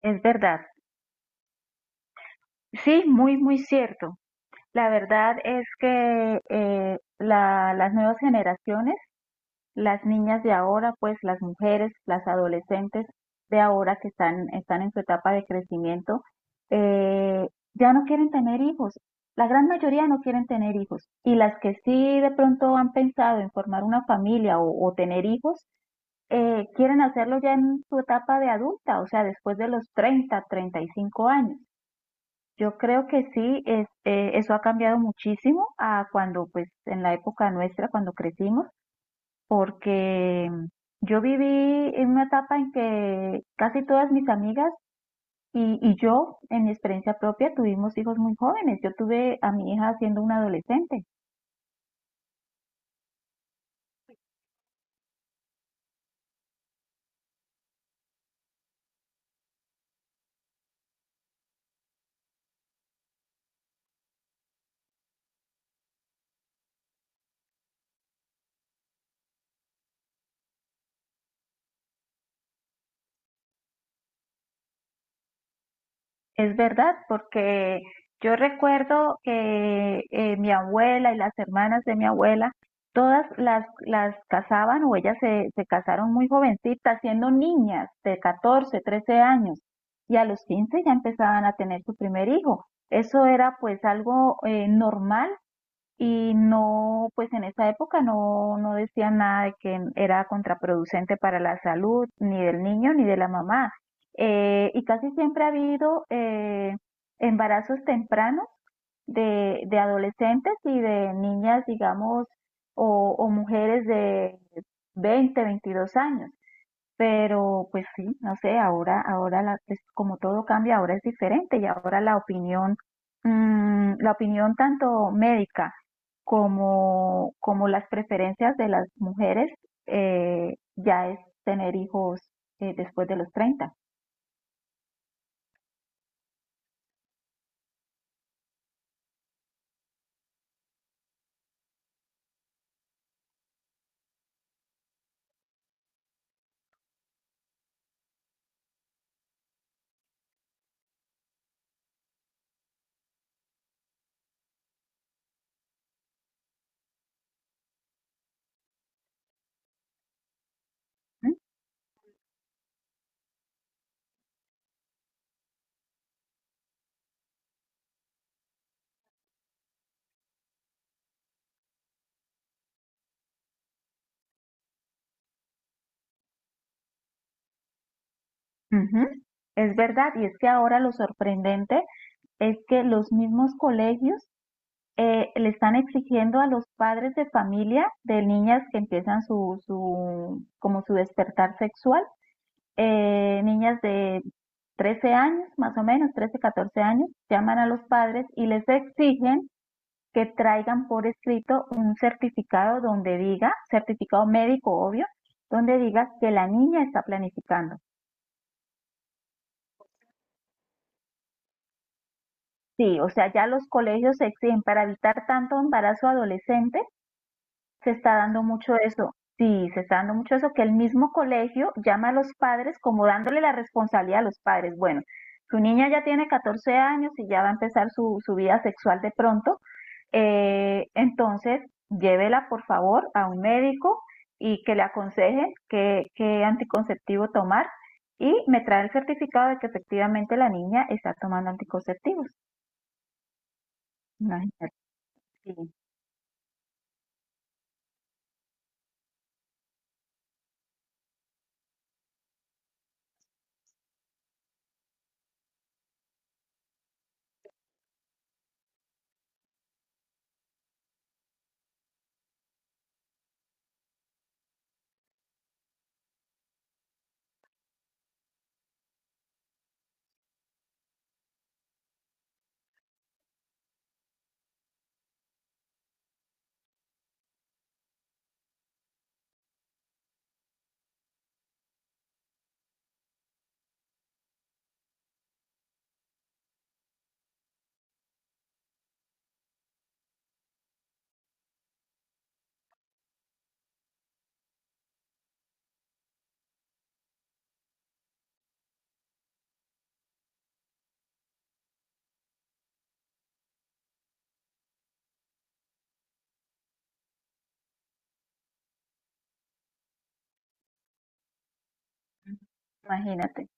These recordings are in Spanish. Es verdad, sí, muy, muy cierto. La verdad es que las nuevas generaciones, las niñas de ahora, pues las mujeres, las adolescentes de ahora que están en su etapa de crecimiento, eh, ya no quieren tener hijos. La gran mayoría no quieren tener hijos. Y las que sí de pronto han pensado en formar una familia o tener hijos, quieren hacerlo ya en su etapa de adulta, o sea, después de los treinta, treinta y cinco años. Yo creo que sí, eso ha cambiado muchísimo a cuando, pues, en la época nuestra, cuando crecimos, porque yo viví en una etapa en que casi todas mis amigas y yo, en mi experiencia propia, tuvimos hijos muy jóvenes. Yo tuve a mi hija siendo una adolescente. Es verdad, porque yo recuerdo que mi abuela y las hermanas de mi abuela, las casaban o se casaron muy jovencitas, siendo niñas de 14, 13 años, y a los 15 ya empezaban a tener su primer hijo. Eso era pues algo normal y no, pues en esa época no decían nada de que era contraproducente para la salud, ni del niño ni de la mamá. Y casi siempre ha habido embarazos tempranos de adolescentes y de niñas, digamos, o mujeres de 20 22 años. Pero pues sí, no sé, pues, como todo cambia, ahora es diferente y ahora la opinión, la opinión tanto médica como las preferencias de las mujeres ya es tener hijos después de los treinta. ¿Mm? Ujú. Es verdad, y es que ahora lo sorprendente es que los mismos colegios le están exigiendo a los padres de familia de niñas que empiezan su como su despertar sexual, niñas de 13 años, más o menos, 13 14 años, llaman a los padres y les exigen que traigan por escrito un certificado donde diga, certificado médico obvio, donde diga que la niña está planificando. Sí, o sea, ya los colegios exigen para evitar tanto embarazo adolescente, se está dando mucho eso. Sí, se está dando mucho eso, que el mismo colegio llama a los padres como dándole la responsabilidad a los padres. Bueno, su niña ya tiene 14 años y ya va a empezar su vida sexual de pronto, entonces llévela por favor a un médico y que le aconseje qué anticonceptivo tomar y me trae el certificado de que efectivamente la niña está tomando anticonceptivos. Imagínate, sí, imagínate.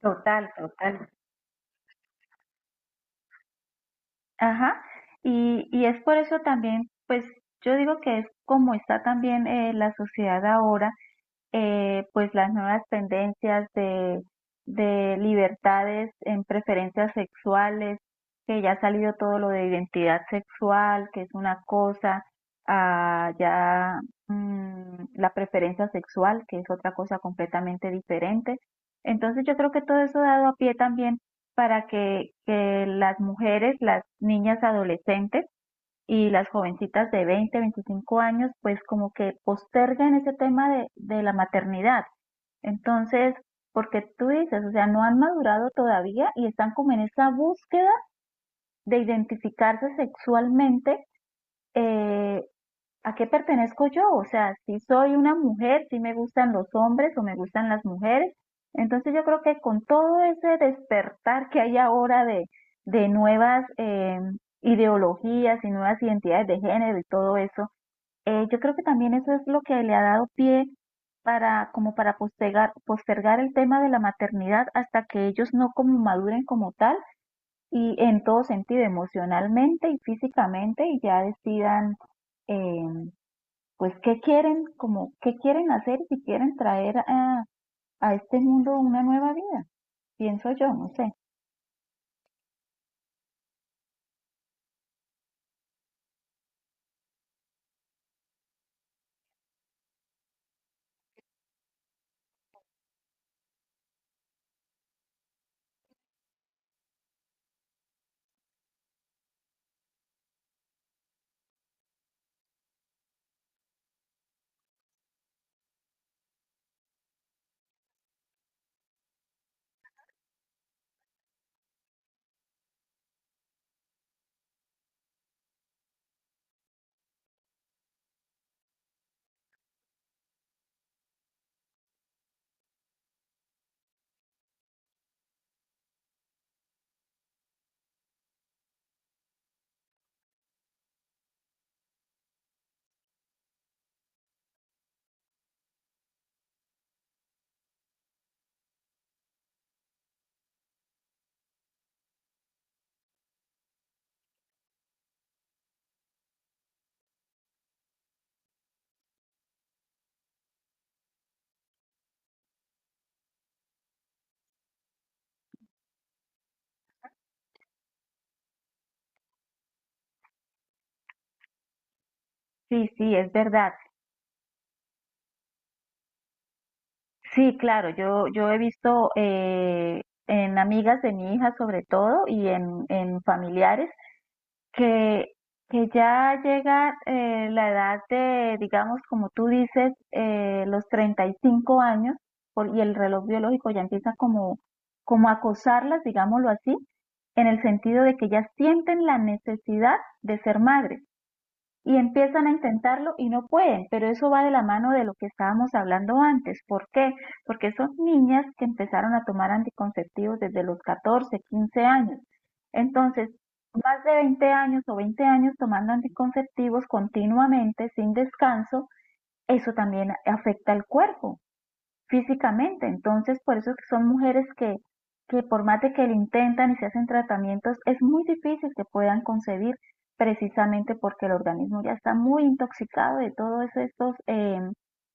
Total, total. Ajá, y es por eso también, pues yo digo que es como está también la sociedad ahora, pues las nuevas tendencias de libertades en preferencias sexuales, que ya ha salido todo lo de identidad sexual, que es una cosa, a ya la preferencia sexual, que es otra cosa completamente diferente. Entonces yo creo que todo eso ha dado a pie también para que las mujeres, las niñas adolescentes, y las jovencitas de 20 25 años, pues como que postergan ese tema de la maternidad. Entonces, porque tú dices, o sea, no han madurado todavía y están como en esa búsqueda de identificarse sexualmente, eh, ¿a qué pertenezco yo? O sea, si soy una mujer, si me gustan los hombres o me gustan las mujeres. Entonces yo creo que con todo ese despertar que hay ahora de nuevas ideologías y nuevas identidades de género y todo eso, yo creo que también eso es lo que le ha dado pie para como para postergar, postergar el tema de la maternidad hasta que ellos no como maduren como tal y en todo sentido, emocionalmente y físicamente, y ya decidan eh, pues qué quieren, como qué quieren hacer si quieren traer a este mundo una nueva vida, pienso yo, no sé. Sí, sí, es verdad. Sí, claro, yo he visto en amigas de mi hija sobre todo y en familiares que, que ya llega la edad de, digamos, como tú dices, los 35 años por- y el reloj biológico ya empieza como a acosarlas, digámoslo así, en el sentido de que ya sienten la necesidad de ser madres y empiezan a intentarlo y no pueden, pero eso va de la mano de lo que estábamos hablando antes. ¿Por qué? Porque son niñas que empezaron a tomar anticonceptivos desde los 14, 15 años. Entonces, más de 20 años o 20 años tomando anticonceptivos continuamente, sin descanso, eso también afecta al cuerpo físicamente. Entonces, por eso es que son mujeres que por más de que lo intentan y se hacen tratamientos, es muy difícil que puedan concebir precisamente porque el organismo ya está muy intoxicado de todos estos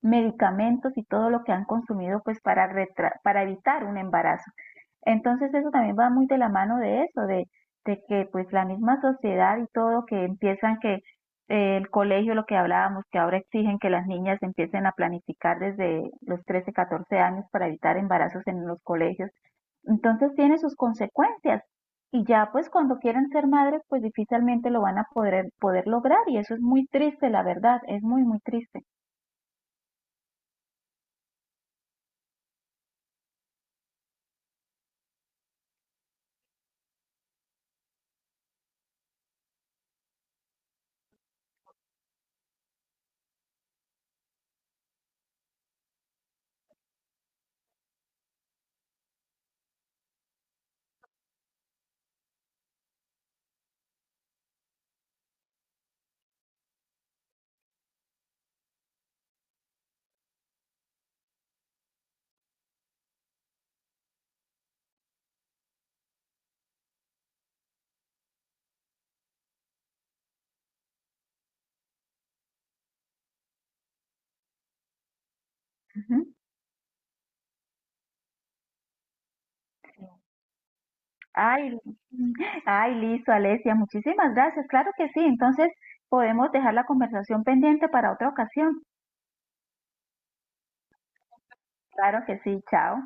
medicamentos y todo lo que han consumido pues para, para evitar un embarazo. Entonces eso también va muy de la mano de eso, de que pues la misma sociedad y todo que empiezan que el colegio, lo que hablábamos, que ahora exigen que las niñas empiecen a planificar desde los 13, 14 años para evitar embarazos en los colegios. Entonces tiene sus consecuencias y ya pues cuando quieren ser madres pues difícilmente lo van a poder, poder lograr y eso es muy triste, la verdad, es muy, muy triste. Ujú. Ay, ay, listo, Alesia, muchísimas gracias. Claro que sí, entonces podemos dejar la conversación pendiente para otra ocasión. Claro que sí, chao.